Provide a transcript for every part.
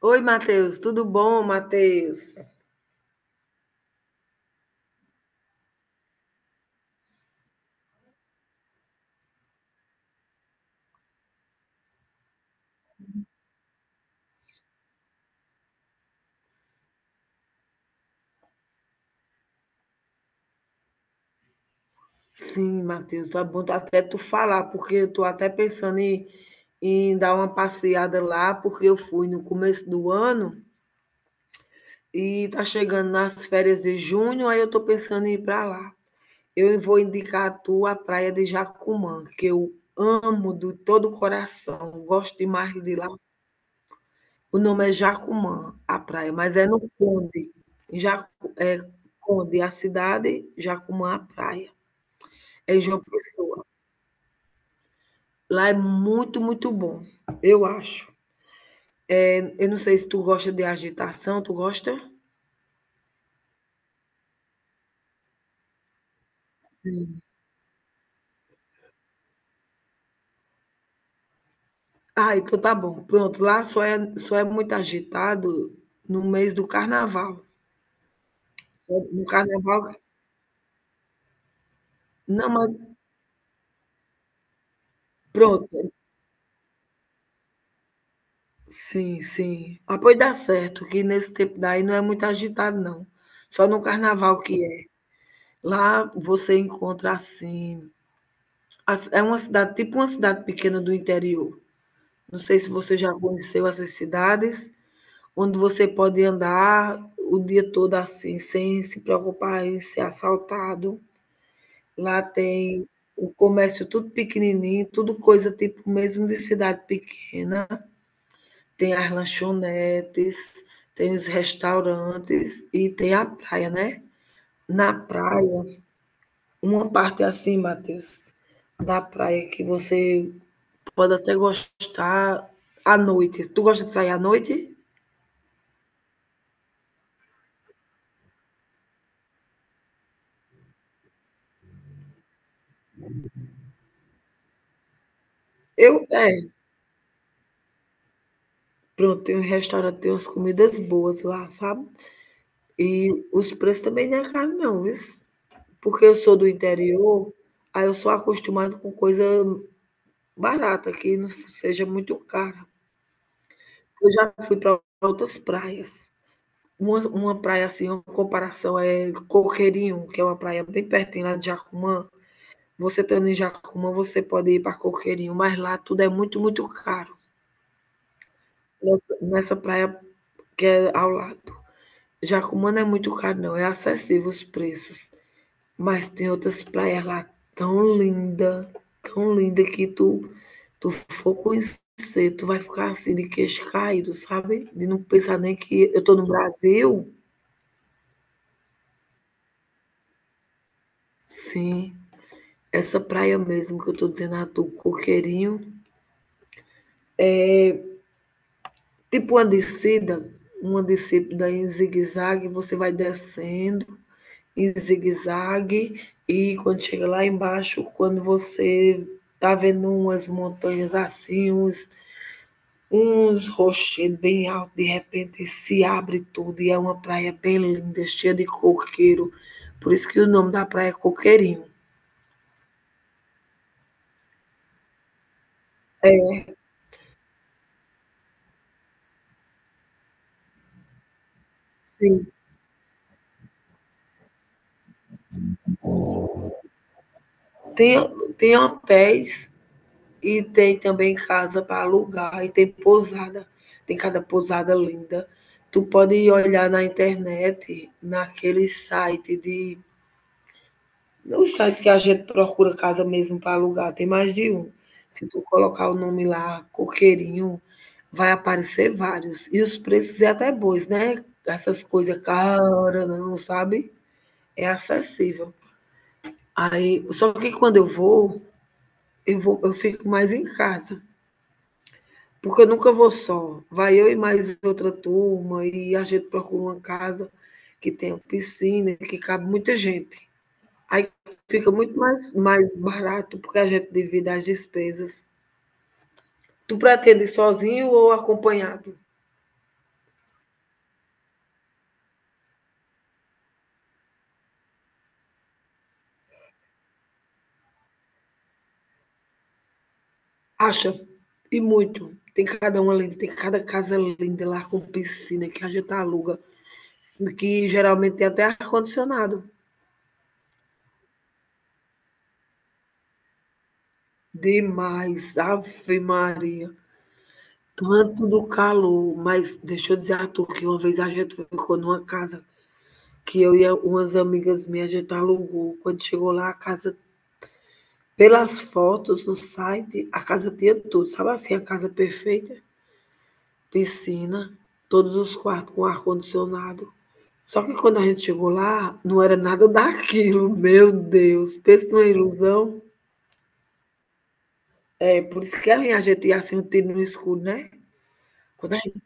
Oi, Matheus, tudo bom, Matheus? Sim, Matheus, tá bom até tu falar, porque eu tô até pensando em, dar uma passeada lá, porque eu fui no começo do ano e tá chegando nas férias de junho, aí eu tô pensando em ir para lá. Eu vou indicar a tu a praia de Jacumã, que eu amo de todo o coração, gosto demais de lá. O nome é Jacumã, a praia, mas é no Conde. Em Jacu, é Conde, a cidade, Jacumã, a praia. É João Pessoa. Lá é muito, muito bom, eu acho. Eu não sei se tu gosta de agitação, tu gosta? Ah, então tá bom. Pronto, lá só é muito agitado no mês do carnaval. Só no carnaval, não, mas pronto. Sim, sim. Ah, pois dá certo, que nesse tempo daí não é muito agitado, não. Só no carnaval que é. Lá você encontra assim. É uma cidade, tipo uma cidade pequena do interior. Não sei se você já conheceu essas cidades, onde você pode andar o dia todo assim, sem se preocupar em ser assaltado. Lá tem o comércio tudo pequenininho, tudo coisa tipo mesmo de cidade pequena. Tem as lanchonetes, tem os restaurantes e tem a praia, né? Na praia, uma parte assim, Matheus, da praia que você pode até gostar à noite. Tu gosta de sair à noite? Eu, é, Pronto, tem um restaurante, tem umas comidas boas lá, sabe. E os preços também não é caro não, viu. Porque eu sou do interior, aí eu sou acostumada com coisa barata, que não seja muito cara. Eu já fui para outras praias. Uma praia, assim, uma comparação é Coqueirinho, que é uma praia bem pertinho lá de Jacumã. Você estando em Jacumã, você pode ir para Coqueirinho, mas lá tudo é muito, muito caro, nessa praia que é ao lado. Jacumã é muito caro, não. É acessível os preços. Mas tem outras praias lá tão linda, tão linda que tu for conhecer, tu vai ficar assim de queixo caído, sabe? De não pensar nem que eu tô no Brasil. Sim, essa praia mesmo que eu tô dizendo a tu, Coqueirinho. Tipo uma descida em zigue-zague, você vai descendo em zigue-zague e quando chega lá embaixo, quando você tá vendo umas montanhas assim, uns rochedos bem altos, de repente se abre tudo e é uma praia bem linda, cheia de coqueiro. Por isso que o nome da praia é Coqueirinho. Sim. Tem hotéis e tem também casa para alugar e tem pousada. Tem cada pousada linda. Tu pode olhar na internet, naquele site de no site que a gente procura casa mesmo para alugar, tem mais de um. Se tu colocar o nome lá, Coqueirinho, vai aparecer vários. E os preços é até bons, né? Essas coisas caras, não, sabe? É acessível. Aí, só que eu vou, eu fico mais em casa, porque eu nunca vou só. Vai eu e mais outra turma e a gente procura uma casa que tenha piscina, que cabe muita gente. Aí fica muito mais barato, porque a gente divide as despesas. Tu pretende ir sozinho ou acompanhado? Acha, e muito. Tem cada uma linda, tem cada casa linda lá com piscina que a gente aluga, que geralmente tem até ar-condicionado. Demais, Ave Maria. Tanto do calor, mas deixa eu dizer a tu que uma vez a gente ficou numa casa que umas amigas minhas, a gente alugou. Quando chegou lá, a casa, pelas fotos no site, a casa tinha tudo, sabe assim, a casa perfeita? Piscina, todos os quartos com ar-condicionado. Só que quando a gente chegou lá, não era nada daquilo, meu Deus, pensa numa ilusão. É, por isso que a linha a assim, um tiro no escuro, né? Quando a gente,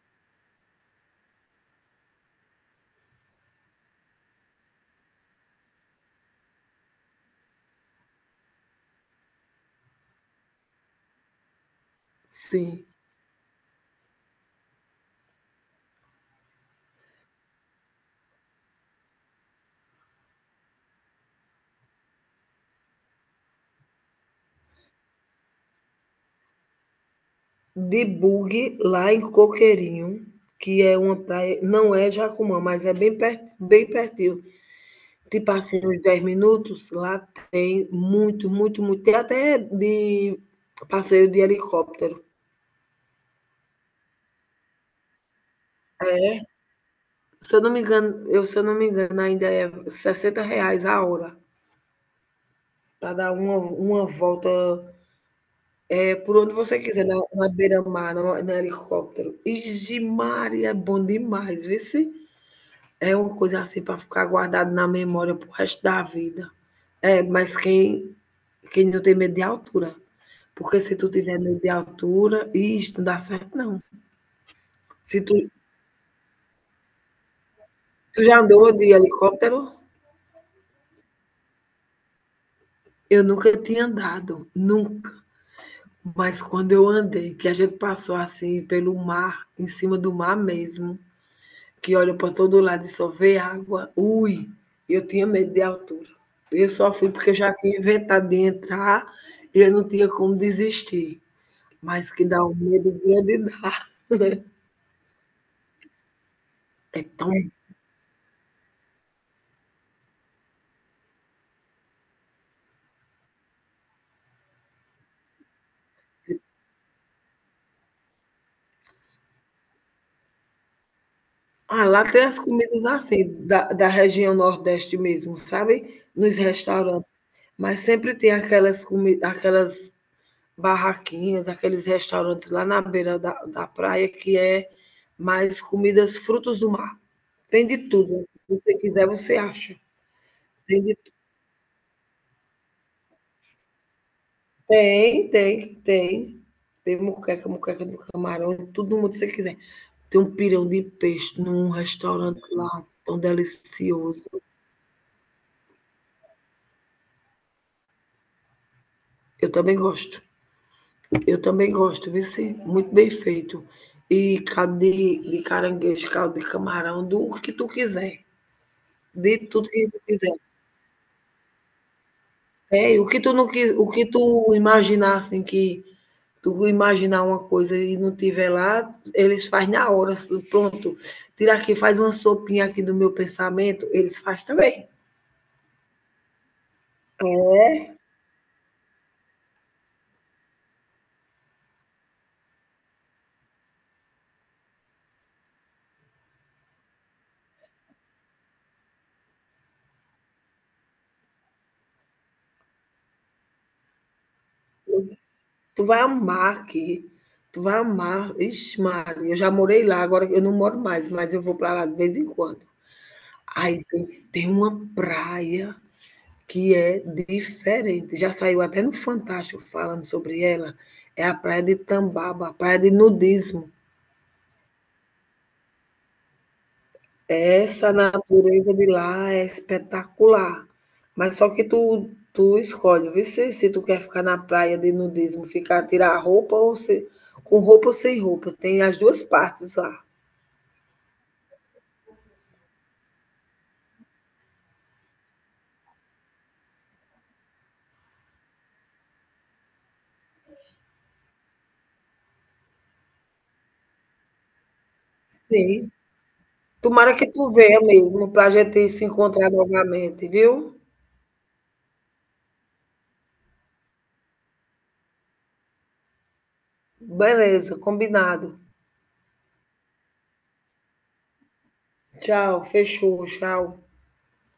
sim, de bug lá em Coqueirinho, que é uma praia, não é Jacumã, mas é bem pertinho. Tipo assim, uns 10 minutos, lá tem muito, muito, muito. Tem até de passeio de helicóptero. Se eu não me engano, se eu não me engano, ainda é 60 reais a hora para dar uma volta, é, por onde você quiser, na beira-mar, no helicóptero. Ixi, Maria, é bom demais, vê se é uma coisa assim para ficar guardado na memória pro resto da vida. É, mas quem Quem não tem medo de altura. Porque se tu tiver medo de altura, isso não dá certo, não. Se tu, tu já andou de helicóptero? Eu nunca tinha andado, nunca. Mas quando eu andei, que a gente passou assim pelo mar, em cima do mar mesmo, que olha para todo lado e só vê água, ui, eu tinha medo de altura. Eu só fui porque eu já tinha inventado de entrar e eu não tinha como desistir. Mas que dá um medo grande dá. É tão Ah, lá tem as comidas assim, da região nordeste mesmo, sabe, nos restaurantes, mas sempre tem aquelas barraquinhas, aqueles restaurantes lá na beira da praia que é mais comidas frutos do mar. Tem de tudo, se você quiser você acha, tem de tu tem, tem, tem. Tem moqueca, moqueca de camarão, tudo mundo que você quiser. Tem um pirão de peixe num restaurante lá, tão delicioso, eu também gosto. Eu também gosto, viu? Sim? Muito bem feito. E caldo de caranguejo, caldo de camarão, do que tu quiser, de tudo que tu quiser. É, e o que tu não qui o que tu imaginar, assim, que tu imaginar uma coisa e não tiver lá, eles faz na hora, assim, pronto. Tira aqui, faz uma sopinha aqui do meu pensamento, eles faz também. É, tu vai amar aqui, tu vai amar. Ixi Maria, eu já morei lá, agora eu não moro mais, mas eu vou para lá de vez em quando. Aí tem tem uma praia que é diferente, já saiu até no Fantástico falando sobre ela, é a praia de Tambaba, a praia de nudismo. Essa natureza de lá é espetacular, mas só que tu escolhe, vê se tu quer ficar na praia de nudismo, ficar tirar a roupa ou se com roupa ou sem roupa, tem as duas partes lá. Sim, tomara que tu venha mesmo para a gente se encontrar novamente, viu. Beleza, combinado. Tchau, fechou, tchau.